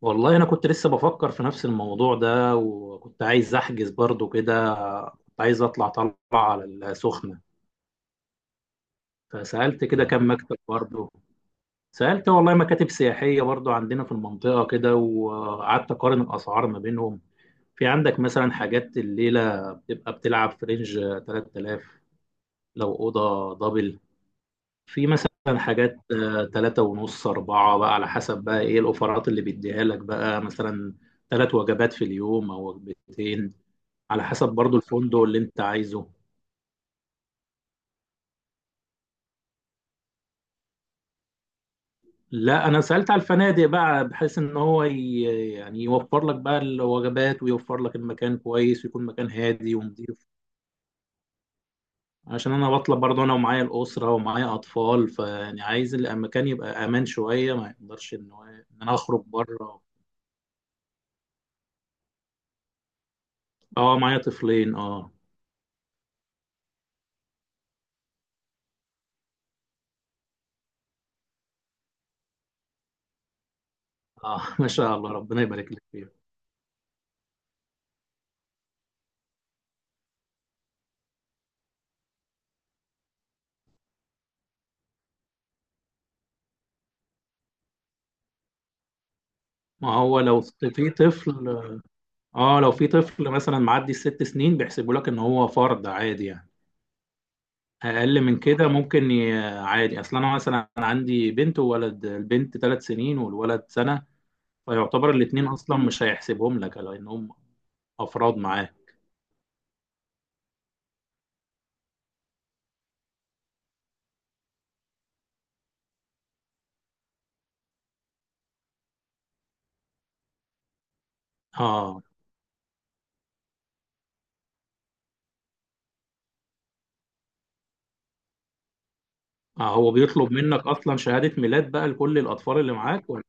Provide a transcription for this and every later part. والله انا كنت لسه بفكر في نفس الموضوع ده، وكنت عايز احجز برضو كده. كنت عايز اطلع طلعه على السخنه، فسالت كده كام مكتب برضو. سالت والله مكاتب سياحيه برضو عندنا في المنطقه كده، وقعدت اقارن الاسعار ما بينهم. في عندك مثلا حاجات الليله بتبقى بتلعب في رينج 3000 لو اوضه دبل. في مثلا حاجات تلاتة ونص أربعة بقى على حسب بقى إيه الأوفرات اللي بيديها لك بقى، مثلا 3 وجبات في اليوم أو وجبتين، على حسب برضو الفندق اللي انت عايزه. لا، انا سألت على الفنادق بقى بحيث ان هو يعني يوفر لك بقى الوجبات، ويوفر لك المكان كويس، ويكون مكان هادي ونظيف. عشان انا بطلب برضو انا ومعايا الأسرة ومعايا اطفال، فيعني عايز المكان يبقى امان شوية، ما يقدرش ان هو ان انا اخرج بره. اه، معايا طفلين اه اه. ما شاء الله، ربنا يبارك لك فيهم. ما هو لو في طفل. اه، لو في طفل مثلا معدي ال6 سنين بيحسبوا لك ان هو فرد عادي يعني. اقل من كده ممكن عادي، اصل انا مثلا عندي بنت وولد، البنت 3 سنين والولد سنه، فيعتبر الاثنين اصلا مش هيحسبهم لك لانهم افراد معاه. اه اه، هو بيطلب منك اصلا شهاده ميلاد بقى لكل الاطفال اللي معاك ولا؟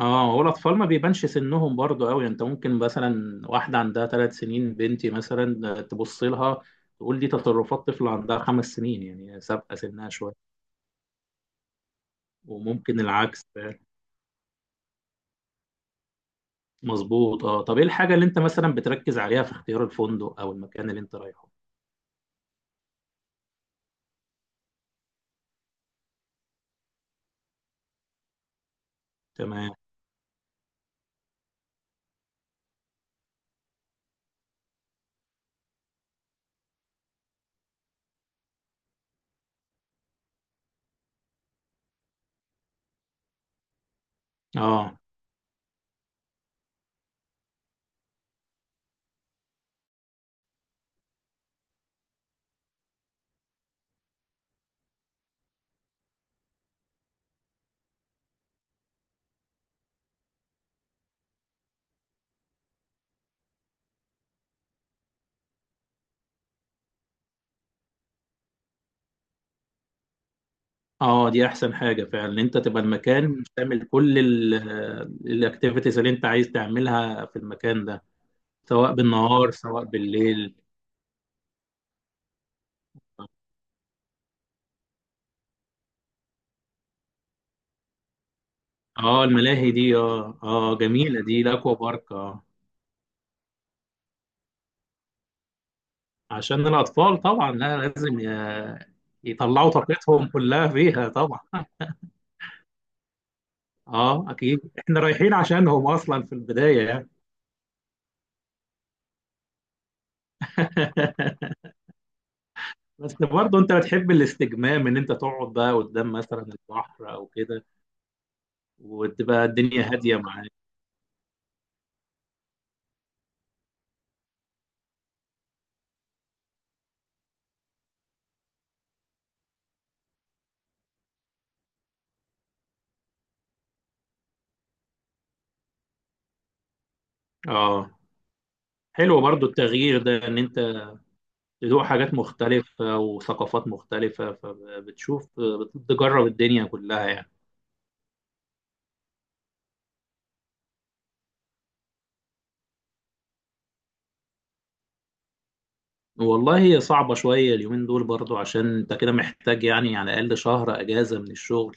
اه، هو الاطفال ما بيبانش سنهم برضه قوي. انت ممكن مثلا واحده عندها 3 سنين، بنتي مثلا، تبص لها تقول دي تصرفات طفل عندها 5 سنين، يعني سابقه سنها شويه. وممكن العكس. مظبوط. اه، طب ايه الحاجة اللي انت مثلا بتركز عليها في اختيار الفندق او المكان اللي انت رايحه؟ تمام. اه اه، دي احسن حاجة فعلا ان انت تبقى المكان تعمل كل الاكتيفيتيز اللي انت عايز تعملها في المكان ده، سواء بالنهار سواء بالليل. اه، الملاهي دي، اه اه، جميلة دي الاكوا بارك، اه. عشان الاطفال طبعا، لا لازم يطلعوا طاقتهم كلها فيها طبعا. اه اكيد احنا رايحين عشانهم اصلا في البداية يعني. بس برضه انت بتحب الاستجمام ان انت تقعد بقى قدام مثلا البحر او كده، وتبقى الدنيا هاديه معاك. اه، حلو برضه التغيير ده، ان انت تدوق حاجات مختلفه وثقافات مختلفه، فبتشوف بتجرب الدنيا كلها يعني. والله هي صعبه شويه اليومين دول برضه، عشان انت كده محتاج يعني على الاقل شهر اجازه من الشغل.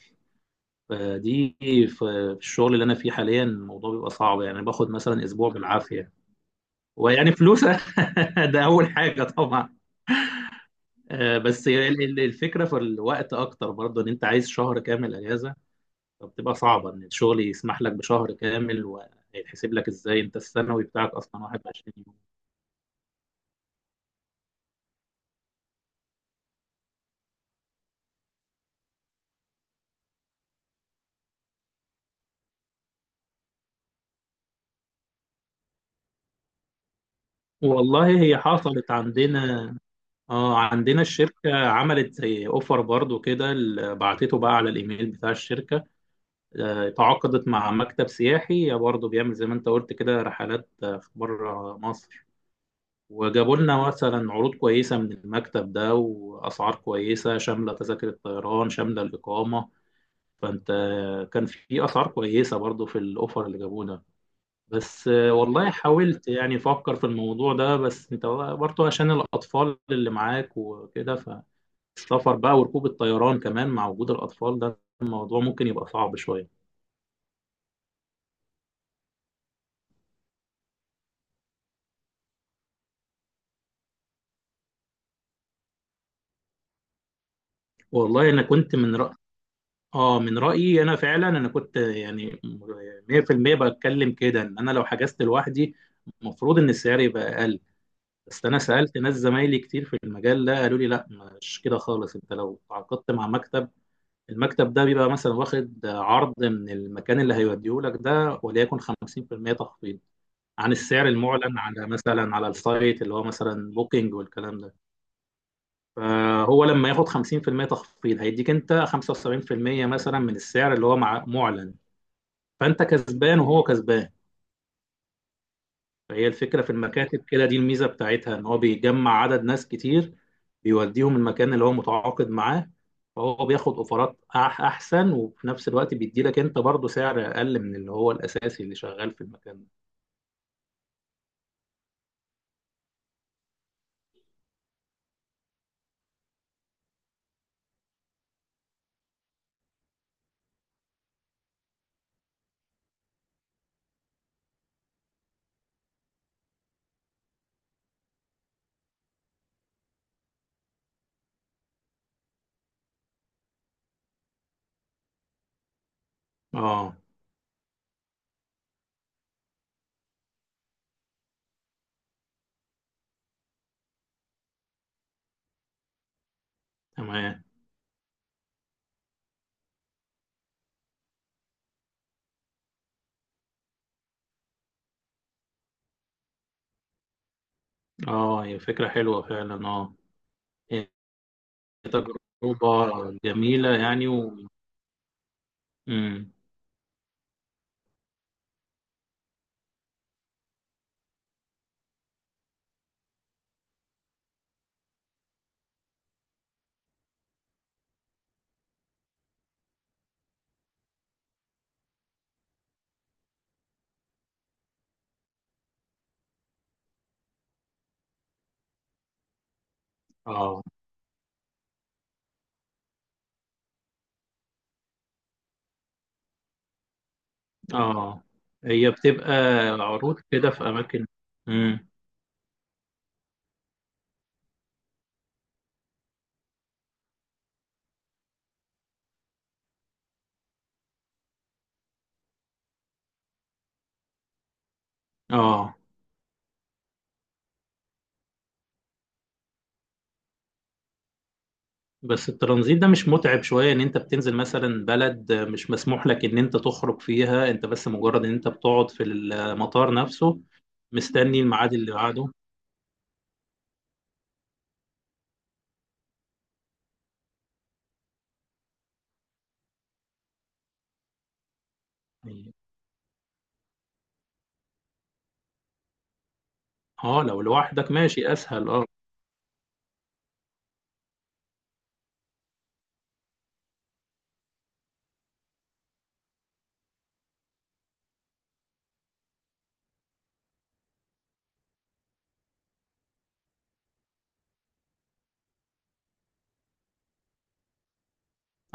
فدي في الشغل اللي انا فيه حاليا الموضوع بيبقى صعب، يعني باخد مثلا اسبوع بالعافيه. ويعني فلوس. ده اول حاجه طبعا. بس هي الفكره في الوقت اكتر برضه، ان انت عايز شهر كامل اجازه، فبتبقى صعبه ان الشغل يسمح لك بشهر كامل. وهيتحسب لك ازاي؟ انت السنوي بتاعك اصلا 21 يوم. والله هي حصلت عندنا. اه، عندنا الشركه عملت زي اوفر برضه كده، بعتته بقى على الايميل بتاع الشركه. تعاقدت مع مكتب سياحي برضه بيعمل زي ما انت قلت كده رحلات في بره مصر، وجابوا لنا مثلا عروض كويسة من المكتب ده، وأسعار كويسة شاملة تذاكر الطيران شاملة الإقامة. فأنت كان في أسعار كويسة برضو في الأوفر اللي جابوه ده. بس والله حاولت يعني أفكر في الموضوع ده، بس أنت برضو عشان الأطفال اللي معاك وكده، فالسفر بقى وركوب الطيران كمان مع وجود الأطفال ده الموضوع ممكن يبقى صعب شوية. والله أنا كنت من رأ... اه من رأيي انا فعلا، انا كنت يعني 100% بتكلم كده، ان انا لو حجزت لوحدي المفروض ان السعر يبقى اقل. بس انا سألت ناس زمايلي كتير في المجال ده قالوا لي لا، مش كده خالص. انت لو تعاقدت مع مكتب، المكتب ده بيبقى مثلا واخد عرض من المكان اللي هيوديه لك ده، وليكن 50% تخفيض عن السعر المعلن على مثلا على السايت اللي هو مثلا بوكينج والكلام ده. فهو لما ياخد 50% تخفيض هيديك انت 75% مثلا من السعر اللي هو مع معلن. فانت كسبان وهو كسبان. فهي الفكره في المكاتب كده دي الميزه بتاعتها، ان هو بيجمع عدد ناس كتير بيوديهم المكان اللي هو متعاقد معاه، فهو بياخد اوفرات احسن، وفي نفس الوقت بيدي لك انت برضه سعر اقل من اللي هو الاساسي اللي شغال في المكان ده. اه تمام. اه، هي فكره حلوه فعلا. اه، هي تجربه جميله يعني. مم. اه اه، هي بتبقى عروض كده في اماكن. مم. اه، بس الترانزيت ده مش متعب شوية ان انت بتنزل مثلا بلد مش مسموح لك ان انت تخرج فيها، انت بس مجرد ان انت بتقعد في المطار نفسه مستني الميعاد اللي بعده؟ اه، لو لوحدك ماشي اسهل اه.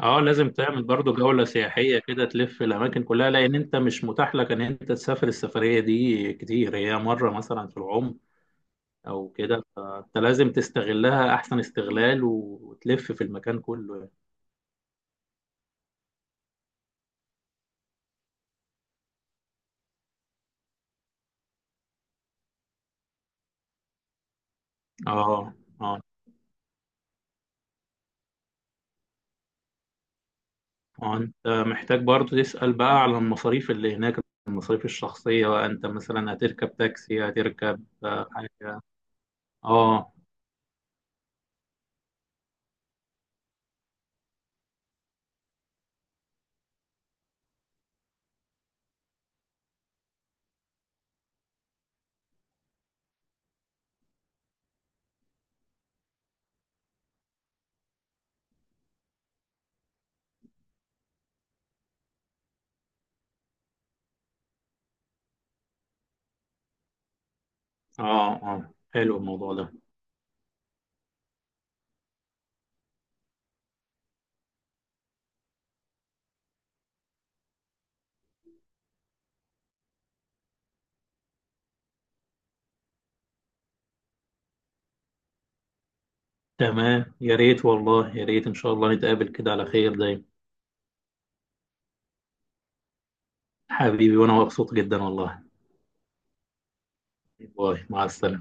اه لازم تعمل برضو جولة سياحية كده تلف الاماكن كلها، لان انت مش متاح لك ان انت تسافر السفرية دي كتير، هي مرة مثلا في العمر او كده، فانت لازم تستغلها احسن استغلال وتلف في المكان كله يعني. اه اه، وانت محتاج برضو تسأل بقى على المصاريف اللي هناك، المصاريف الشخصية بقى. انت مثلا هتركب تاكسي، هتركب حاجة. اه اه اه، حلو الموضوع ده. تمام يا ريت، والله يا ريت ان شاء الله نتقابل كده على خير دايما. حبيبي، وانا مبسوط جدا والله. باي، مع السلامة.